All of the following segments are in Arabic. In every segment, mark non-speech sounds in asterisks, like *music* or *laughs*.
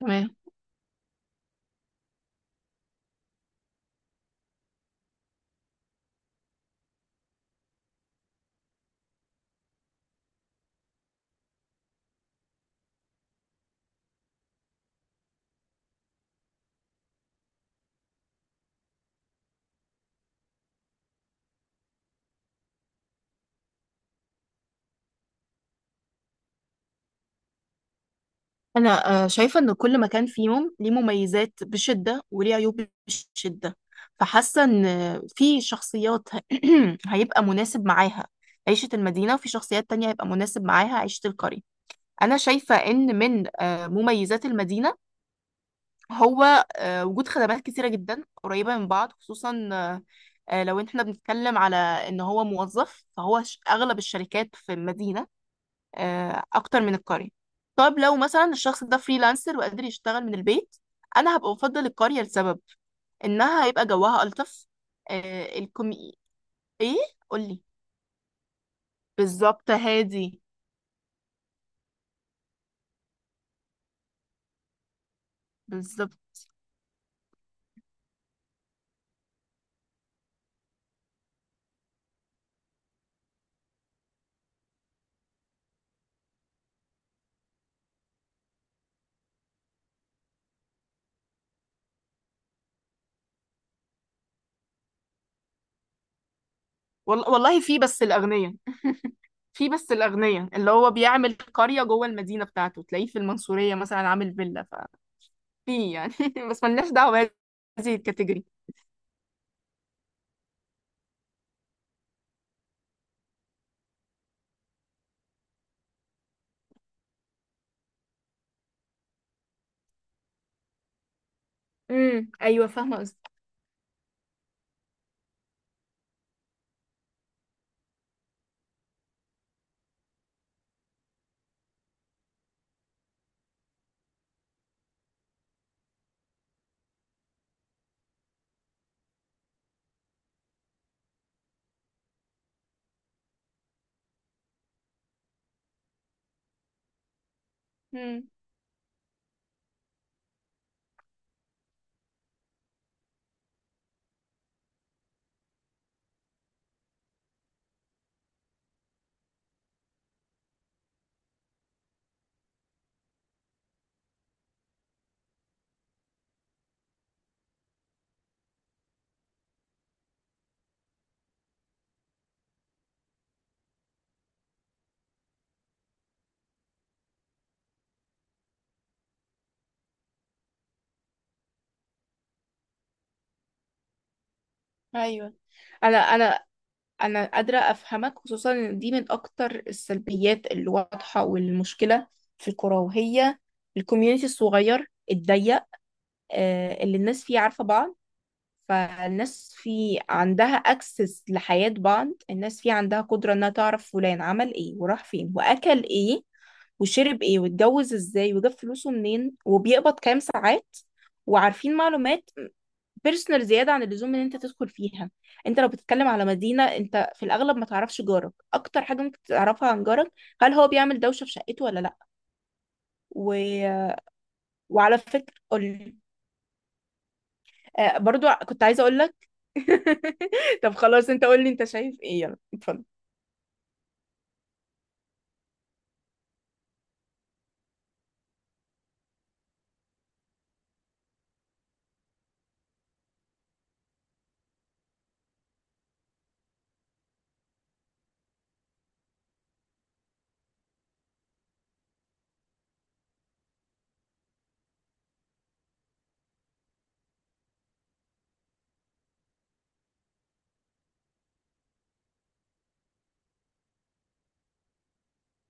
تمام. انا شايفه ان كل مكان فيهم ليه مميزات بشده وليه عيوب بشده. فحاسه ان في شخصيات *clears throat* هيبقى مناسب معاها عيشه المدينه، وفي شخصيات تانية هيبقى مناسب معاها عيشه القريه. انا شايفه ان من مميزات المدينه هو وجود خدمات كتيره جدا قريبه من بعض، خصوصا لو احنا بنتكلم على ان هو موظف، فهو اغلب الشركات في المدينه اكتر من القرية. طب لو مثلا الشخص ده فريلانسر وقادر يشتغل من البيت، انا هبقى بفضل القرية لسبب انها هيبقى جواها الطف. الكومي. ايه؟ قولي. بالظبط، هادي. بالظبط. والله والله، في بس الاغنياء. في بس الاغنياء اللي هو بيعمل قرية جوه المدينة بتاعته، تلاقيه في المنصورية مثلا عامل فيلا. ففي يعني *laughs* بس ملناش دعوة بهذه الكاتيجوري. امم، ايوه، فاهمة قصدي. امم، ايوه. انا انا انا قادره افهمك، خصوصا ان دي من اكتر السلبيات اللي واضحه، والمشكله في الكوره، وهي الكوميونتي الصغير الضيق. اللي الناس فيه عارفه بعض. فالناس في عندها اكسس لحياة بعض، الناس في عندها قدرة انها تعرف فلان عمل ايه، وراح فين، واكل ايه، وشرب ايه، واتجوز ازاي، وجاب فلوسه منين، وبيقبض كام ساعات. وعارفين معلومات بيرسونال زيادة عن اللزوم ان انت تدخل فيها. انت لو بتتكلم على مدينة، انت في الاغلب ما تعرفش جارك. اكتر حاجة ممكن تعرفها عن جارك: هل هو بيعمل دوشة في شقته ولا لا. و... وعلى فكرة قولي. برضو كنت عايزة اقول لك. *laughs* طب خلاص، انت قول لي انت شايف ايه، يلا اتفضل.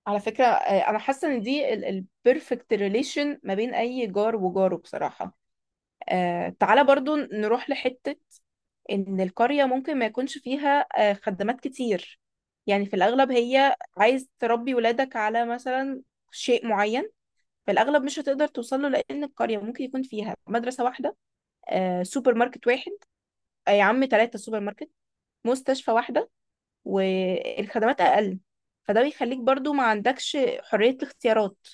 على فكرة انا حاسة ان دي البيرفكت ريليشن ما بين اي جار وجاره بصراحة. تعالى برضو نروح لحتة. ان القرية ممكن ما يكونش فيها خدمات كتير. يعني في الاغلب، هي عايز تربي ولادك على مثلا شيء معين، في الاغلب مش هتقدر توصل له، لان القرية ممكن يكون فيها مدرسة واحدة، سوبر ماركت واحد، يا عم ثلاثة سوبر ماركت، مستشفى واحدة، والخدمات اقل. فده بيخليك برضو ما عندكش حرية الاختيارات.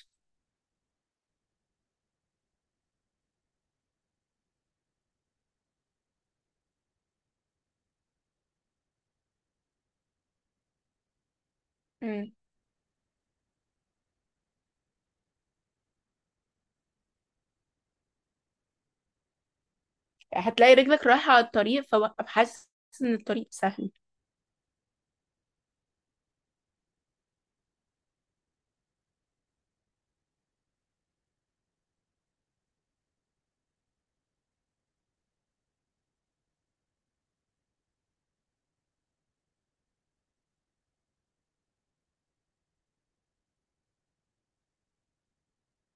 مم. هتلاقي رجلك رايحة على الطريق، فببقى حاسس ان الطريق سهل.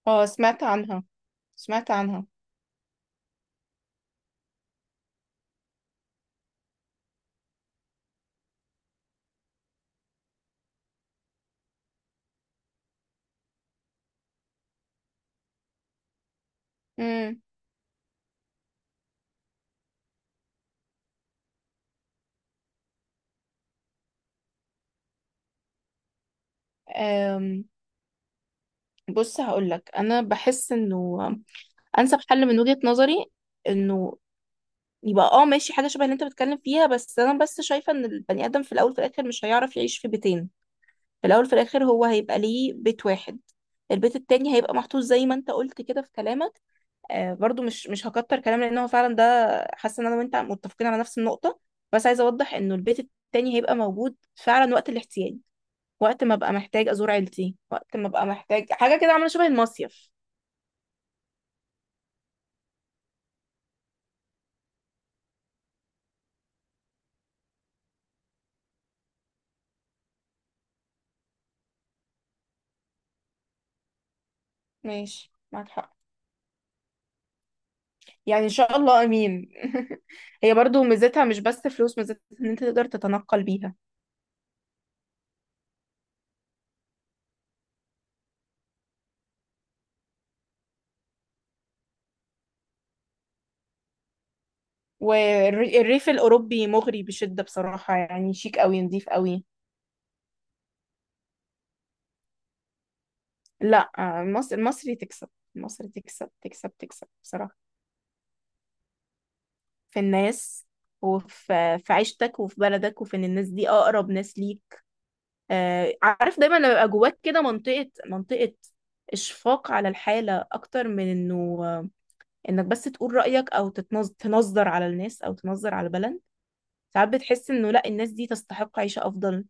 اه، سمعت عنها. سمعت عنها. امم أم، بص هقولك، انا بحس انه انسب حل من وجهة نظري انه يبقى اه، ماشي، حاجه شبه اللي انت بتتكلم فيها. بس انا بس شايفه ان البني ادم في الاول في الاخر مش هيعرف يعيش في بيتين. في الاول في الاخر هو هيبقى ليه بيت واحد، البيت التاني هيبقى محطوط زي ما انت قلت كده في كلامك. برضو مش هكتر كلام لان هو فعلا ده، حاسه ان انا وانت متفقين على نفس النقطه. بس عايزه اوضح انه البيت التاني هيبقى موجود فعلا وقت الاحتياج، وقت ما ابقى محتاج ازور عيلتي، وقت ما ابقى محتاج حاجه كده، عامله شبه المصيف. ماشي، معاك حق. يعني ان شاء الله، امين. *laughs* هي برضو ميزتها مش بس فلوس، ميزتها ان انت تقدر تتنقل بيها. والريف الاوروبي مغري بشده بصراحه، يعني شيك قوي، نظيف قوي. لا، المصري تكسب. المصري تكسب تكسب تكسب بصراحه. في الناس، وفي عيشتك، وفي بلدك، وفي ان الناس دي اقرب ناس ليك. عارف دايما لما يبقى جواك كده منطقة منطقة، اشفاق على الحالة اكتر من انه انك بس تقول رأيك، او تنظر على الناس، او تنظر على البلد. ساعات بتحس انه لا، الناس دي تستحق عيشة افضل.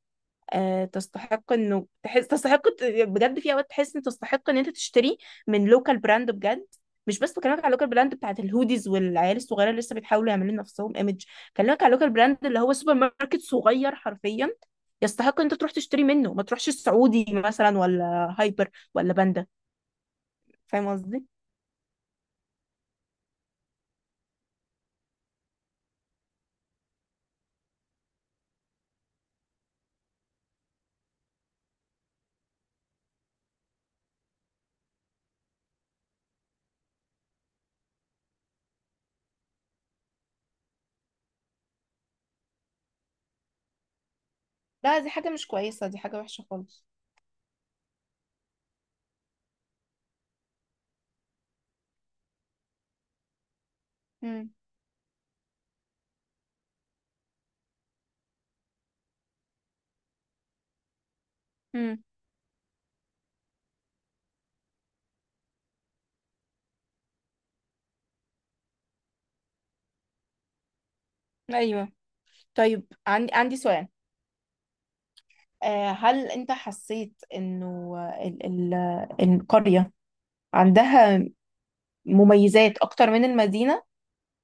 تستحق انه تحس، تستحق بجد، في اوقات تحس ان تستحق ان انت تشتري من لوكال براند بجد. مش بس بكلمك على اللوكال براند بتاعت الهوديز والعيال الصغيره اللي لسه بيحاولوا يعملوا لنفسهم ايمج، بكلمك على اللوكال براند اللي هو سوبر ماركت صغير حرفيا، يستحق ان انت تروح تشتري منه ما تروحش السعودي مثلا ولا هايبر ولا باندا. فاهم قصدي؟ لا، دي حاجه مش كويسه، دي حاجه وحشه خالص. امم امم، ايوه. طيب، عندي سؤال. هل انت حسيت انه ال- ال- القرية عندها مميزات اكتر من المدينة،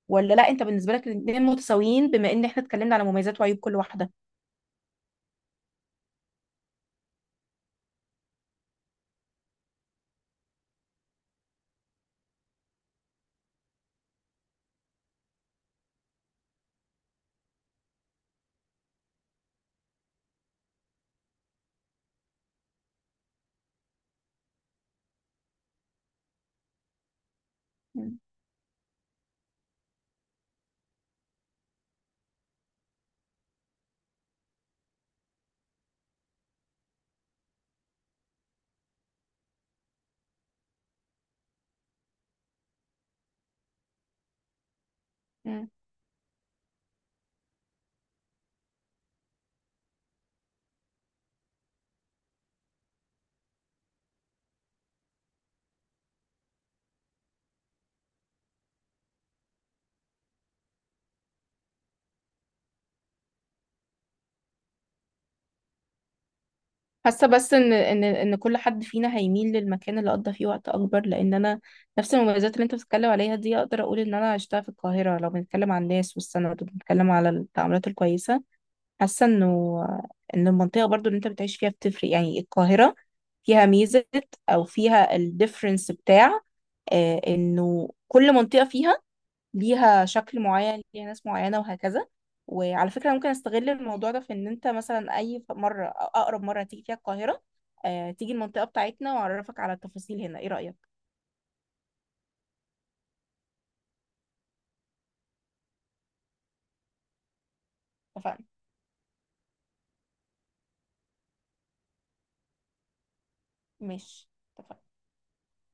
ولا لا انت بالنسبة لك الاتنين متساويين، بما ان احنا اتكلمنا على مميزات وعيوب كل واحدة. مم. مم. حاسة بس ان كل حد فينا هيميل للمكان اللي قضى فيه وقت اكبر، لان انا نفس المميزات اللي انت بتتكلم عليها دي اقدر اقول ان انا عشتها في القاهرة، لو بنتكلم عن الناس والسند، وبنتكلم على التعاملات الكويسة. حاسة ان المنطقة برضو اللي انت بتعيش فيها بتفرق. يعني القاهرة فيها ميزة، او فيها الديفرنس بتاع انه كل منطقة فيها، ليها شكل معين، ليها ناس معينة، وهكذا. وعلى فكرة، ممكن استغل الموضوع ده في ان انت مثلا اي مرة او اقرب مرة تيجي فيها القاهرة، تيجي المنطقة بتاعتنا، واعرفك على التفاصيل هنا. ايه رأيك؟ اتفقنا. ماشي. اتفقنا.